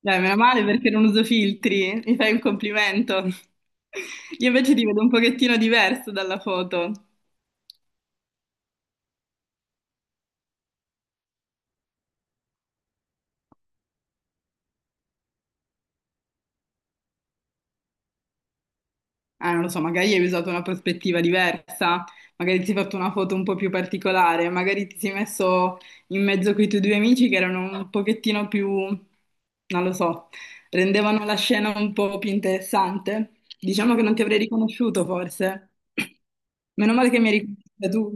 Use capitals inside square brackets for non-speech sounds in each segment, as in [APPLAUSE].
Dai, meno male perché non uso filtri, mi fai un complimento. Io invece ti vedo un pochettino diverso dalla foto. Ah, non lo so, magari hai usato una prospettiva diversa, magari ti sei fatto una foto un po' più particolare, magari ti sei messo in mezzo con i tuoi due amici che erano un pochettino più, non lo so, rendevano la scena un po' più interessante. Diciamo che non ti avrei riconosciuto forse. Meno male che mi hai riconosciuta tu.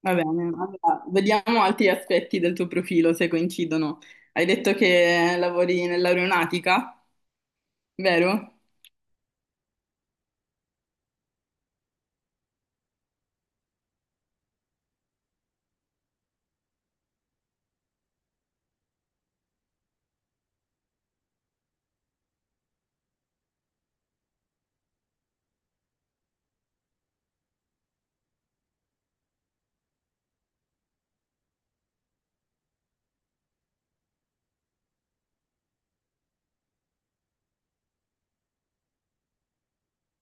Va bene, allora, vediamo altri aspetti del tuo profilo se coincidono. Hai detto che lavori nell'aeronautica, vero?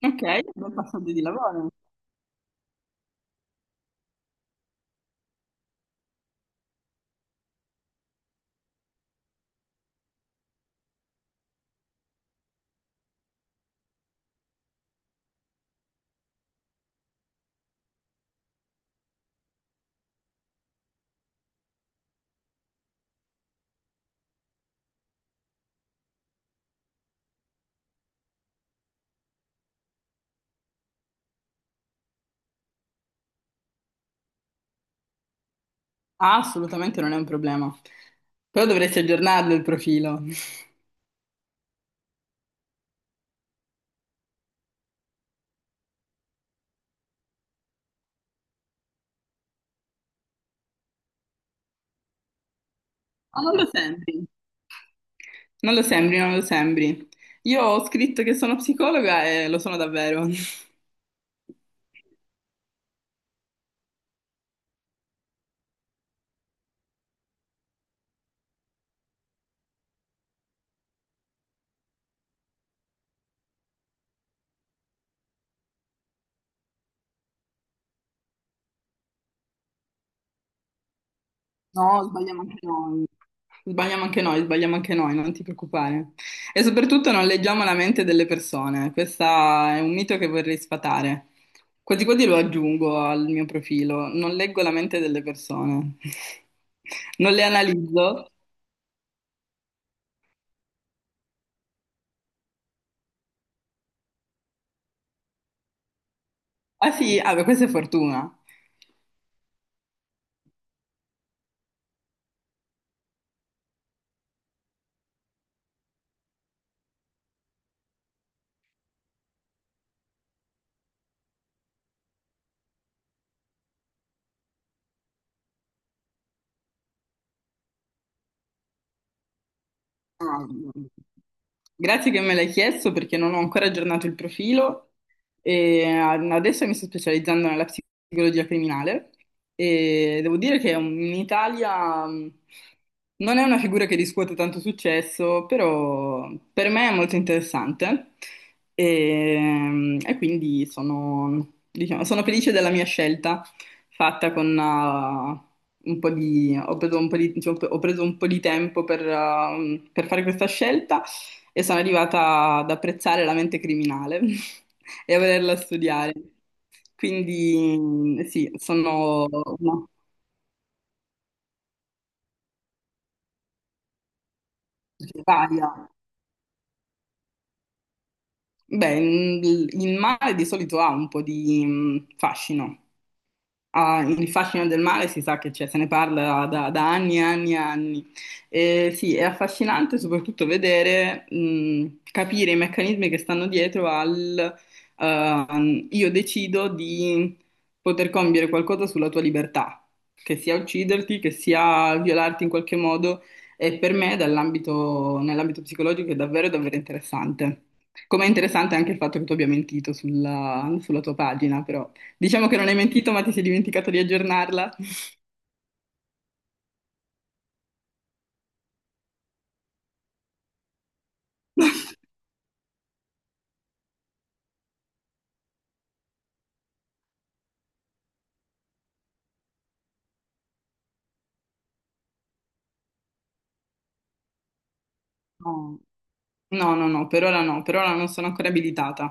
Ok, bel passaggio di lavoro. Ah, assolutamente non è un problema. Però dovresti aggiornarlo il profilo. Ma non lo sembri. Non lo sembri, non lo sembri. Io ho scritto che sono psicologa e lo sono davvero. [LAUGHS] No, sbagliamo anche noi. Sbagliamo anche noi, sbagliamo anche noi, non ti preoccupare. E soprattutto non leggiamo la mente delle persone. Questo è un mito che vorrei sfatare. Quasi quasi lo aggiungo al mio profilo. Non leggo la mente delle persone. [LAUGHS] Non le analizzo. Ah sì, ah, beh, questa è fortuna. Ah, grazie che me l'hai chiesto perché non ho ancora aggiornato il profilo e adesso mi sto specializzando nella psicologia criminale e devo dire che in Italia non è una figura che riscuote tanto successo, però per me è molto interessante e, e quindi sono, diciamo, sono felice della mia scelta fatta con un po' di... Ho preso un po' di, diciamo, ho preso un po' di tempo per fare questa scelta e sono arrivata ad apprezzare la mente criminale [LAUGHS] e a volerla studiare. Quindi sì, sono una varia. Beh, il mare di solito ha un po' di fascino. Ah, il fascino del mare si sa che c'è, se ne parla da, da anni e anni e anni. E sì, è affascinante soprattutto vedere, capire i meccanismi che stanno dietro al io decido di poter compiere qualcosa sulla tua libertà, che sia ucciderti, che sia violarti in qualche modo. E per me, dall'ambito, nell'ambito psicologico, è davvero, davvero interessante. Com'è interessante anche il fatto che tu abbia mentito sulla, sulla tua pagina, però. Diciamo che non hai mentito, ma ti sei dimenticato di aggiornarla. [LAUGHS] No. No, no, no, per ora no, per ora non sono ancora abilitata.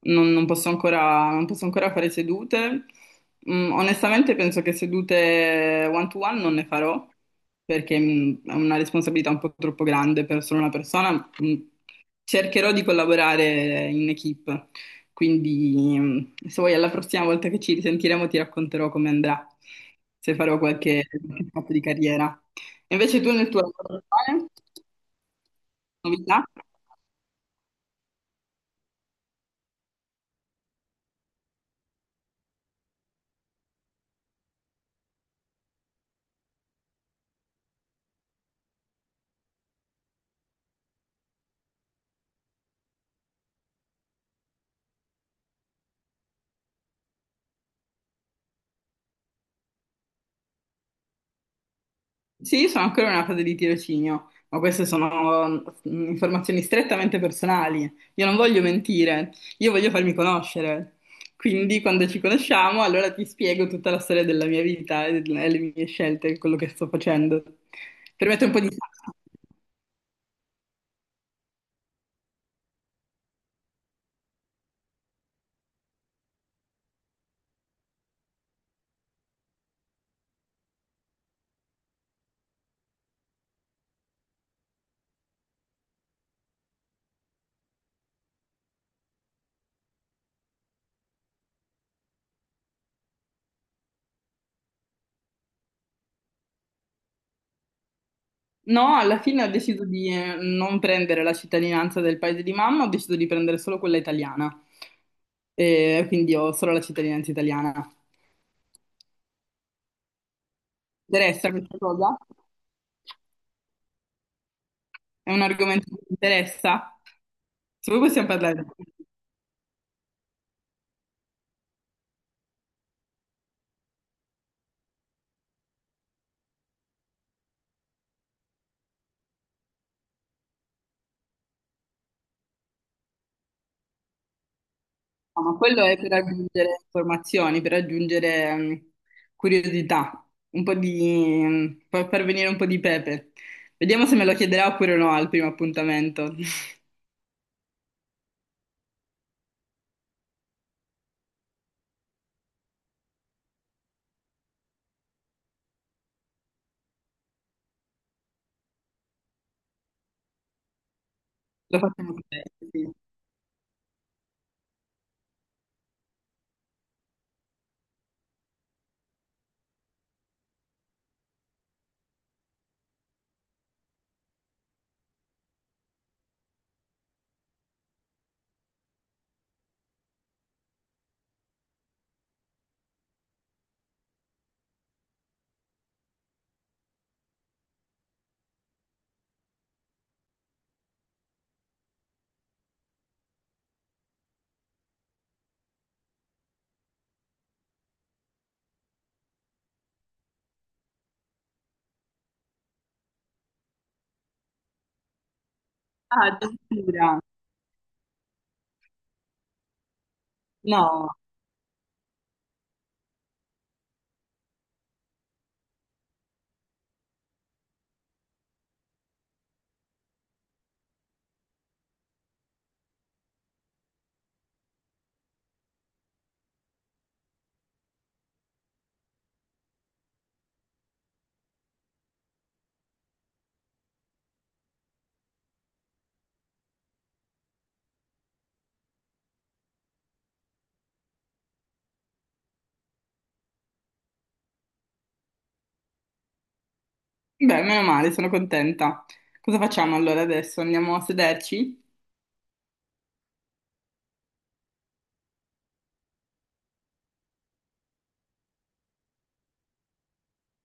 Non, non posso ancora, non posso ancora fare sedute. Mm, onestamente penso che sedute one to one non ne farò perché è una responsabilità un po' troppo grande per solo una persona. Mm, cercherò di collaborare in equipe, quindi se vuoi alla prossima volta che ci risentiremo ti racconterò come andrà, se farò qualche fatto di carriera. E invece tu nel tuo lavoro attuale, novità? Sì, sono ancora in una fase di tirocinio, ma queste sono informazioni strettamente personali. Io non voglio mentire, io voglio farmi conoscere. Quindi, quando ci conosciamo, allora ti spiego tutta la storia della mia vita e le mie scelte, quello che sto facendo. Per mettere un po' di... [LAUGHS] No, alla fine ho deciso di non prendere la cittadinanza del paese di mamma, ho deciso di prendere solo quella italiana. E quindi ho solo la cittadinanza italiana. Ti interessa questa cosa? È un argomento che mi interessa? Se voi possiamo parlare di questo, ma quello è per aggiungere informazioni, per aggiungere curiosità, un po' di, per far venire un po' di pepe. Vediamo se me lo chiederà oppure no al primo appuntamento. [LAUGHS] Lo facciamo così. Sì. Ah, addirittura. No. Beh, meno male, sono contenta. Cosa facciamo allora adesso? Andiamo a sederci?